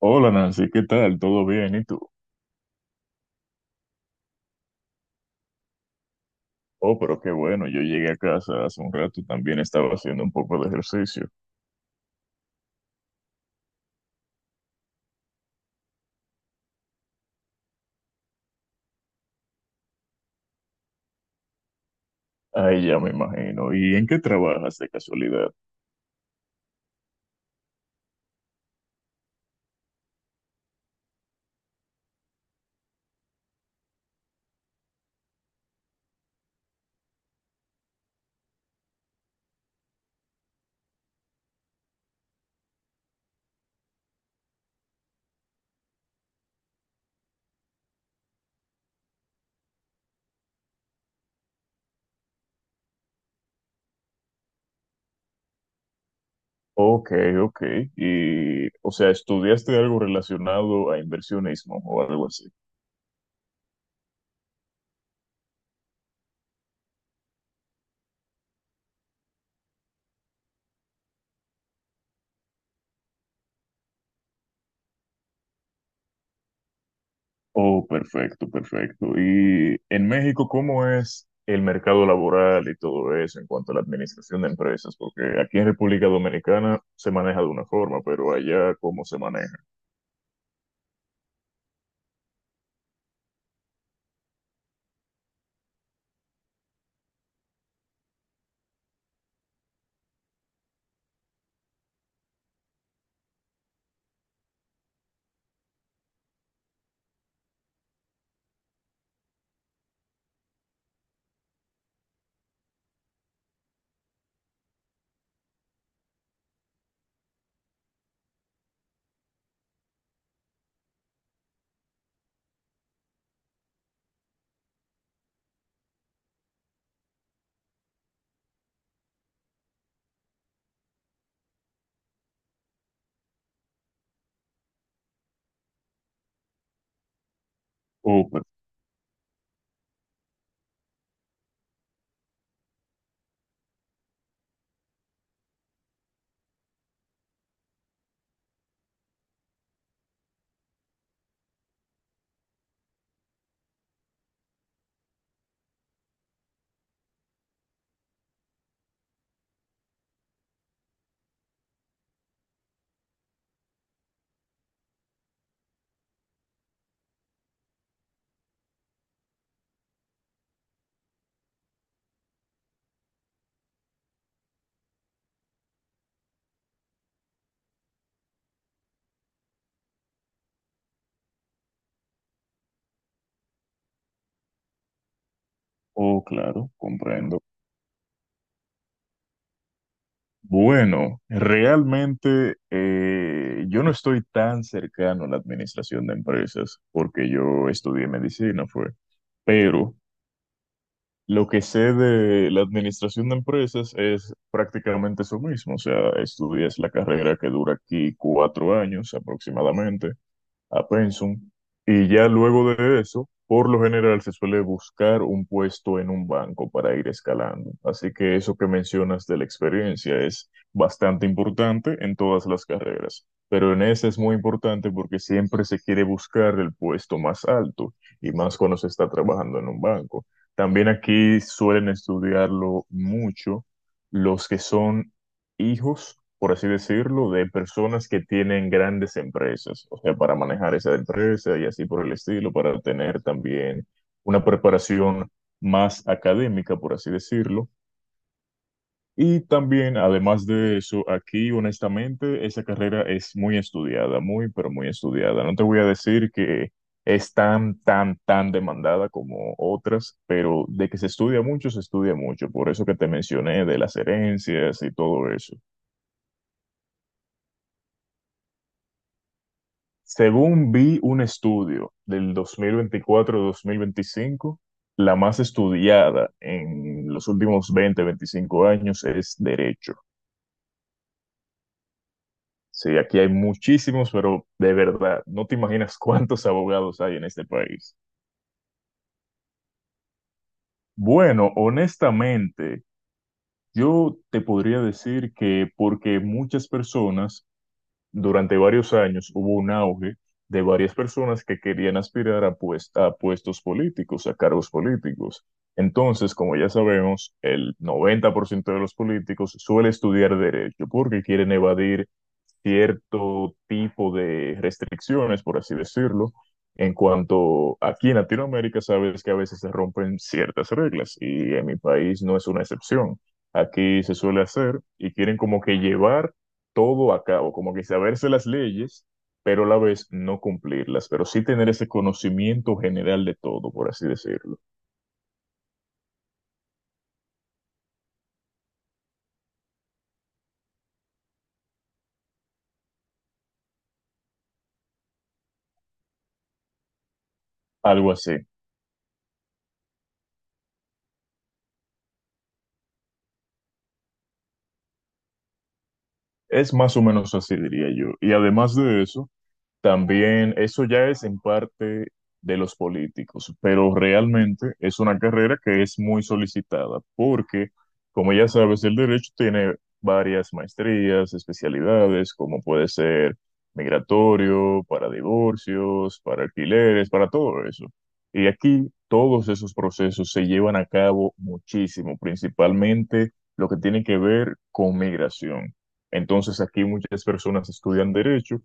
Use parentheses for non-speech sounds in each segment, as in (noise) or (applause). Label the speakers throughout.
Speaker 1: Hola Nancy, ¿qué tal? ¿Todo bien? ¿Y tú? Oh, pero qué bueno, yo llegué a casa hace un rato, también estaba haciendo un poco de ejercicio. Ahí ya me imagino. ¿Y en qué trabajas de casualidad? Ok, ok. Y, o sea, ¿estudiaste algo relacionado a inversionismo o algo así? Oh, perfecto, perfecto. ¿Y en México cómo es el mercado laboral y todo eso en cuanto a la administración de empresas? Porque aquí en República Dominicana se maneja de una forma, pero allá ¿cómo se maneja? Oh, oh, claro, comprendo. Bueno, realmente yo no estoy tan cercano a la administración de empresas porque yo estudié medicina, fue. Pero lo que sé de la administración de empresas es prácticamente eso mismo. O sea, estudias la carrera que dura aquí 4 años aproximadamente a pensum, y ya luego de eso, por lo general se suele buscar un puesto en un banco para ir escalando. Así que eso que mencionas de la experiencia es bastante importante en todas las carreras, pero en esa es muy importante porque siempre se quiere buscar el puesto más alto y más cuando se está trabajando en un banco. También aquí suelen estudiarlo mucho los que son hijos, por así decirlo, de personas que tienen grandes empresas, o sea, para manejar esa empresa y así por el estilo, para tener también una preparación más académica, por así decirlo. Y también, además de eso, aquí honestamente, esa carrera es muy estudiada, muy, pero muy estudiada. No te voy a decir que es tan, tan, tan demandada como otras, pero de que se estudia mucho, se estudia mucho. Por eso que te mencioné de las herencias y todo eso. Según vi un estudio del 2024, mil veinticinco, la más estudiada en los últimos 20, 25 años es derecho. Sí, aquí hay muchísimos, pero de verdad, no te imaginas cuántos abogados hay en este país. Bueno, honestamente, yo te podría decir que porque muchas personas durante varios años hubo un auge de varias personas que querían aspirar a puestos políticos, a cargos políticos. Entonces, como ya sabemos, el 90% de los políticos suele estudiar derecho porque quieren evadir cierto tipo de restricciones, por así decirlo, en cuanto aquí en Latinoamérica sabes que a veces se rompen ciertas reglas y en mi país no es una excepción. Aquí se suele hacer y quieren como que llevar todo a cabo, como que saberse las leyes, pero a la vez no cumplirlas, pero sí tener ese conocimiento general de todo, por así decirlo. Algo así. Es más o menos así, diría yo. Y además de eso, también eso ya es en parte de los políticos, pero realmente es una carrera que es muy solicitada porque, como ya sabes, el derecho tiene varias maestrías, especialidades, como puede ser migratorio, para divorcios, para alquileres, para todo eso. Y aquí todos esos procesos se llevan a cabo muchísimo, principalmente lo que tiene que ver con migración. Entonces aquí muchas personas estudian derecho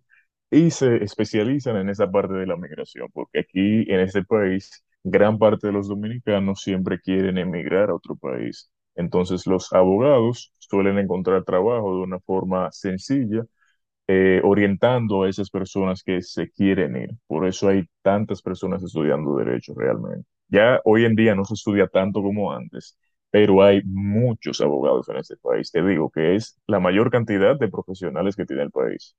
Speaker 1: y se especializan en esa parte de la migración, porque aquí en este país gran parte de los dominicanos siempre quieren emigrar a otro país. Entonces los abogados suelen encontrar trabajo de una forma sencilla, orientando a esas personas que se quieren ir. Por eso hay tantas personas estudiando derecho realmente. Ya hoy en día no se estudia tanto como antes, pero hay muchos abogados en este país. Te digo que es la mayor cantidad de profesionales que tiene el país.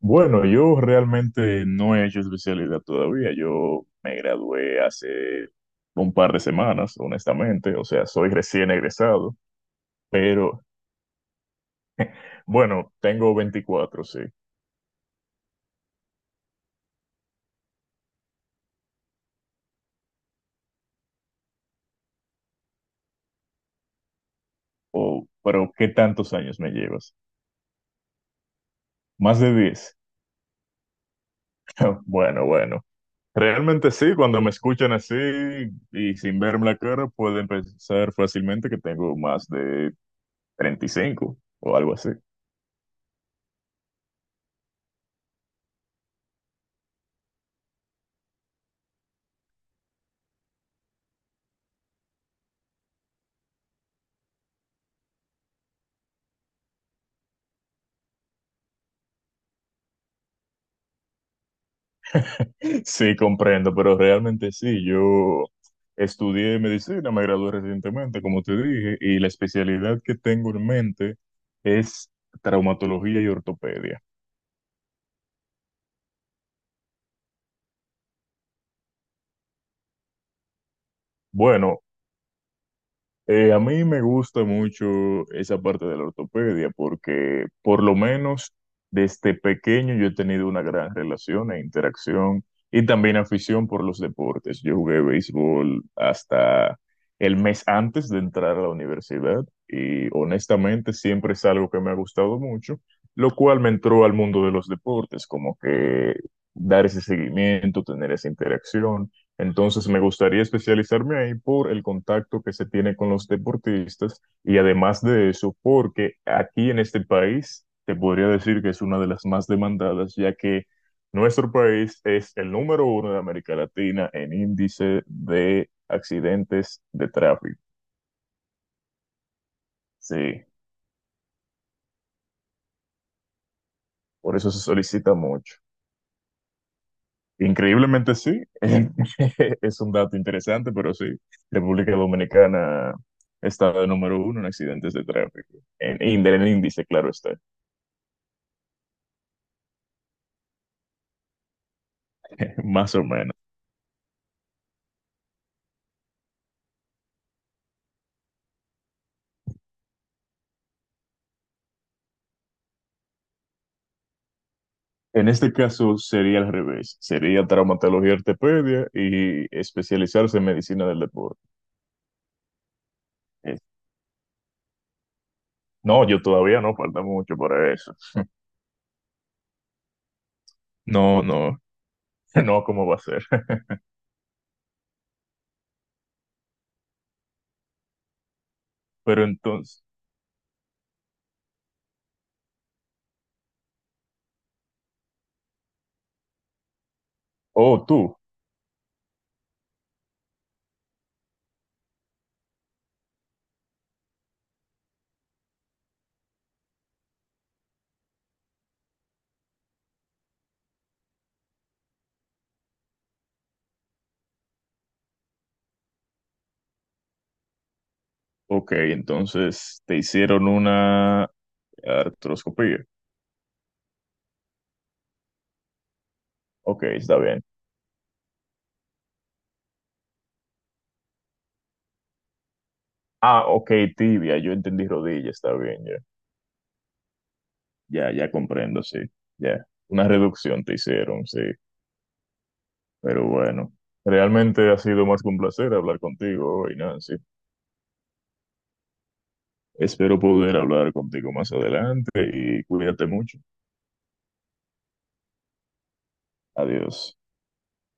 Speaker 1: Bueno, yo realmente no he hecho especialidad todavía. Yo me gradué hace un par de semanas, honestamente. O sea, soy recién egresado, pero bueno, tengo 24, sí. Oh, pero ¿qué tantos años me llevas? Más de 10. (laughs) Bueno, bueno. Realmente sí, cuando me escuchan así y sin verme la cara, pueden pensar fácilmente que tengo más de 35 o algo así. Sí, comprendo, pero realmente sí. Yo estudié medicina, me gradué recientemente, como te dije, y la especialidad que tengo en mente es traumatología y ortopedia. Bueno, a mí me gusta mucho esa parte de la ortopedia porque por lo menos desde pequeño yo he tenido una gran relación e interacción y también afición por los deportes. Yo jugué béisbol hasta el mes antes de entrar a la universidad y honestamente siempre es algo que me ha gustado mucho, lo cual me entró al mundo de los deportes, como que dar ese seguimiento, tener esa interacción. Entonces, me gustaría especializarme ahí por el contacto que se tiene con los deportistas y además de eso, porque aquí en este país te podría decir que es una de las más demandadas, ya que nuestro país es el número uno de América Latina en índice de accidentes de tráfico. Sí, por eso se solicita mucho. Increíblemente sí, (laughs) es un dato interesante, pero sí, República Dominicana está de número uno en accidentes de tráfico, en el índice, claro está, (laughs) más o menos. En este caso sería al revés, sería traumatología y ortopedia y especializarse en medicina del deporte. Eh, No, yo todavía no, falta mucho para eso. No, no, (laughs) no, ¿cómo va a ser? (laughs) Pero entonces, oh, tú, ok, entonces te hicieron una artroscopía. Ok, está bien. Ah, ok, tibia, yo entendí rodilla, está bien, ya. Ya, ya comprendo, sí. Ya. Una reducción te hicieron, sí. Pero bueno, realmente ha sido más que un placer hablar contigo hoy, Nancy. Espero poder hablar contigo más adelante y cuídate mucho. Adiós.